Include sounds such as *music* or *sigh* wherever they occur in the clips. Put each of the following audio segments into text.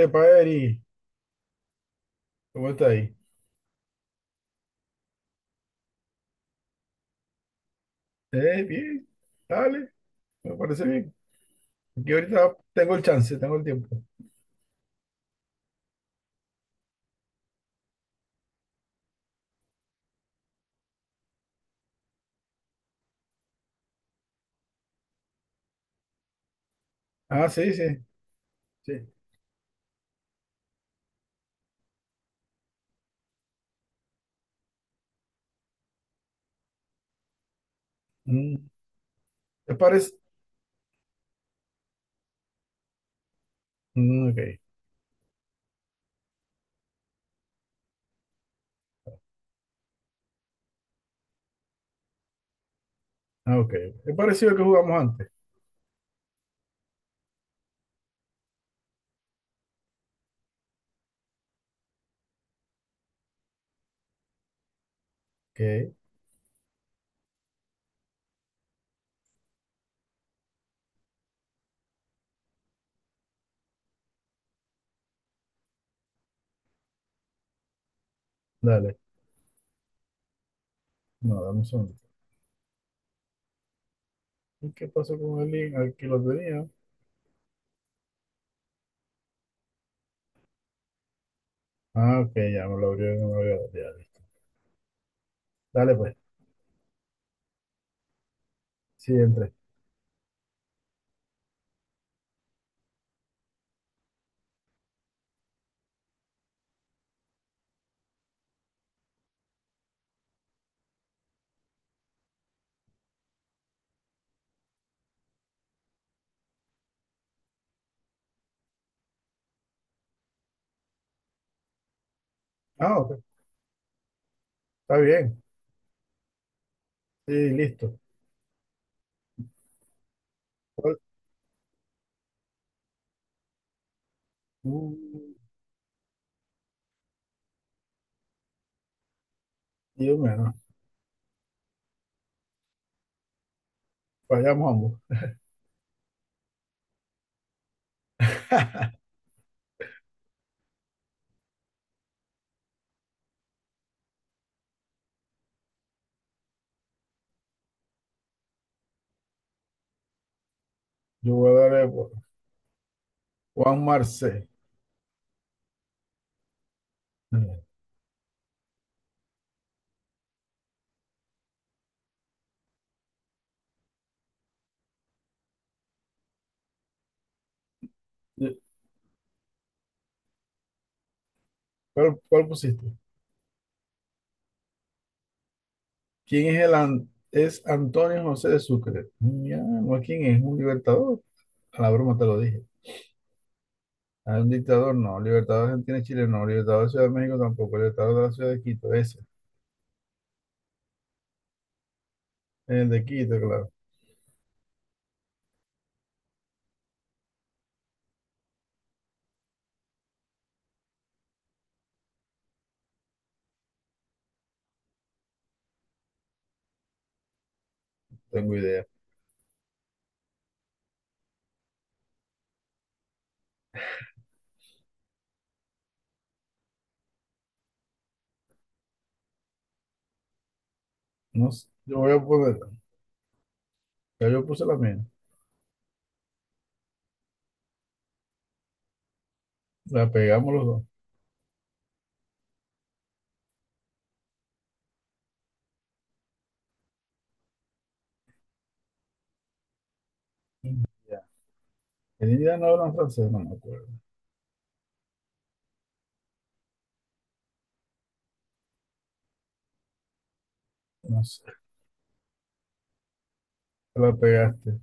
Epa, Eri, ¿cómo está ahí? Bien, dale, me parece bien. Aquí ahorita tengo el chance, tengo el tiempo. Ah, sí, sí, sí. Mm, ¿Te parece? Mm, ok, ah, ok. Es parecido al que jugamos antes. Ok, dale. No, dame un segundo. ¿Y qué pasó con el link? Aquí lo tenía. Ah, ok, ya me lo abrió, no me lo abrió. Ya, listo. Dale, pues, sí, entré. Ah, ok. Está bien. Sí, listo. Pues, mm, Dios mío, no. Fallamos ambos. *laughs* Jugadores, Juan Marcé. Eh, ¿cuál pusiste? ¿Quién es el es Antonio José de Sucre? Ya, no es quién es, un libertador. A la broma te lo dije. Ah, un dictador, no. Libertador de Argentina y Chile, no. Libertador de Ciudad de México tampoco. Libertador de la Ciudad de Quito, ese. El de Quito, claro. Tengo idea. No sé. Yo voy a poner, ya yo puse la mía. La pegamos los dos. Ya. El indígena no habla francés, no me acuerdo. No sé, te la pegaste.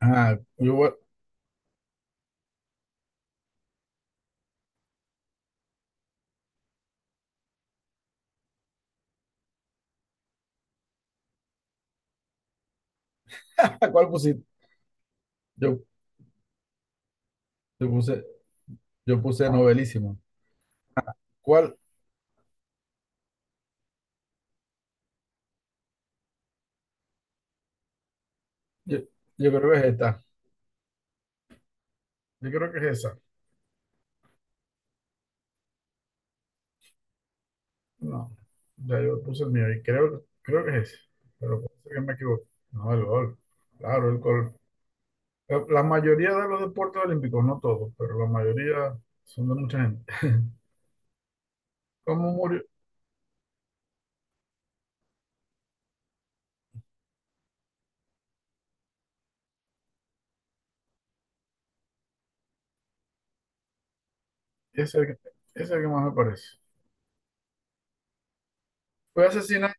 Ah, yo, voy- *laughs* ¿Cuál pusiste? Yo, yo puse, yo puse novelísimo. ¿Cuál? Yo, yo creo que es esta. Yo creo que es esa. No, ya yo puse el mío y creo que es ese. Pero puede ser que me equivoque. No, el gol. Claro, el gol. La mayoría de los deportes olímpicos, no todos, pero la mayoría son de mucha gente. *laughs* ¿Cómo murió? Ese es el que- Ese es el que más me parece. Fue asesinado.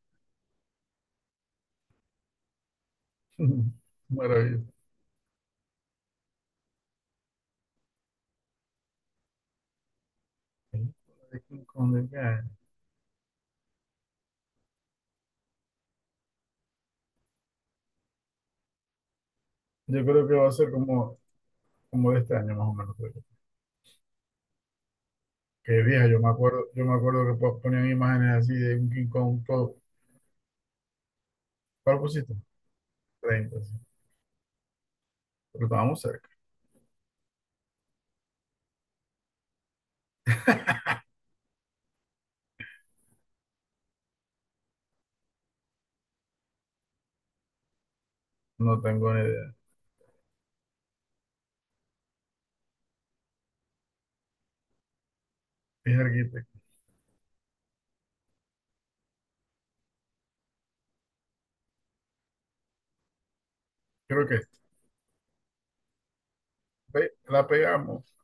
*laughs* Maravilloso. Yo creo que va a ser como de este año más o menos. Creo yo. Que vieja, yo me acuerdo que ponían imágenes así de un King Kong todo. ¿Cuál pusiste? 30, sí. Pero estábamos cerca. No tengo ni idea. Dije arquitecto. Creo que este. Ve, la pegamos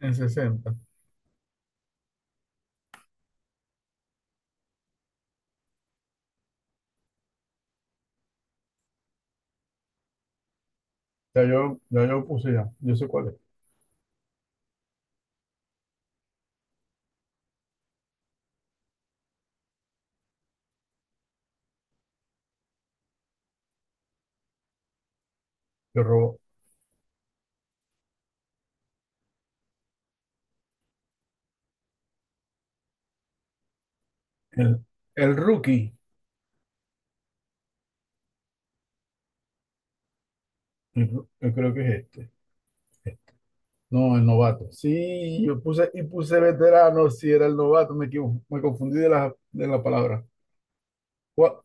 en 60. Ya yo puse ya. Yo sé cuál es. Yo robo. El, el rookie. Yo creo que es este. No, el novato. Sí, yo puse y puse veterano. Sí, era el novato. Me confundí de de la palabra. Gua-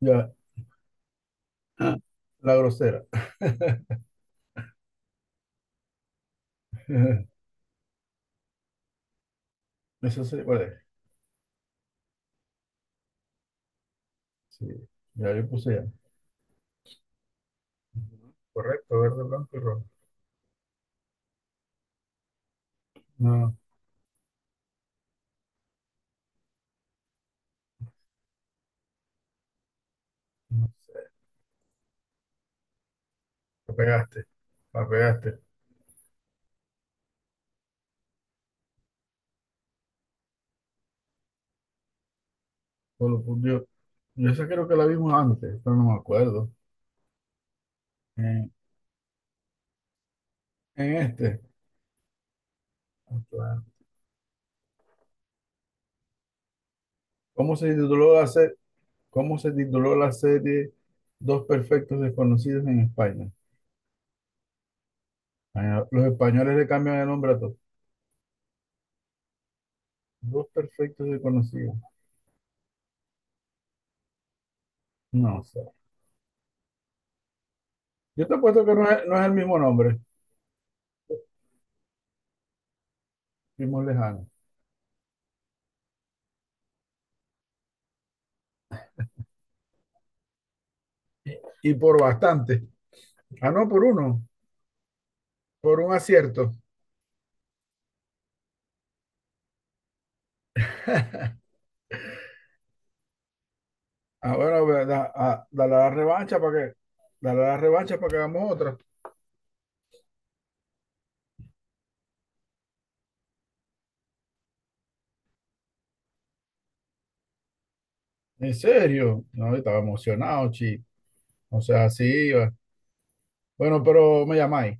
Ya. Ah, la grosera. *laughs* Eso sí, ¿cuál es? Sí, ya yo puse ya. Correcto, verde, blanco y rojo. No, no. Sé. La pegaste, la pegaste. Solo por Dios. Yo esa creo que la vimos antes, pero no me acuerdo. En, en este. Claro. ¿Cómo se tituló la serie? ¿Cómo se tituló la serie Dos Perfectos Desconocidos en España? Ah, los españoles le cambian el nombre a todos. Dos Perfectos Desconocidos. No sé. Yo te apuesto que no es el mismo nombre, mismo lejano. Y por bastante. Ah, no, por uno. Por un acierto. Ah, bueno, ve, dale la revancha dale la revancha para que hagamos otra. ¿En serio? No, yo estaba emocionado, chi. O sea, sí. Va. Bueno, pero me llamáis.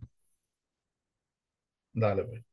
Dale, pues.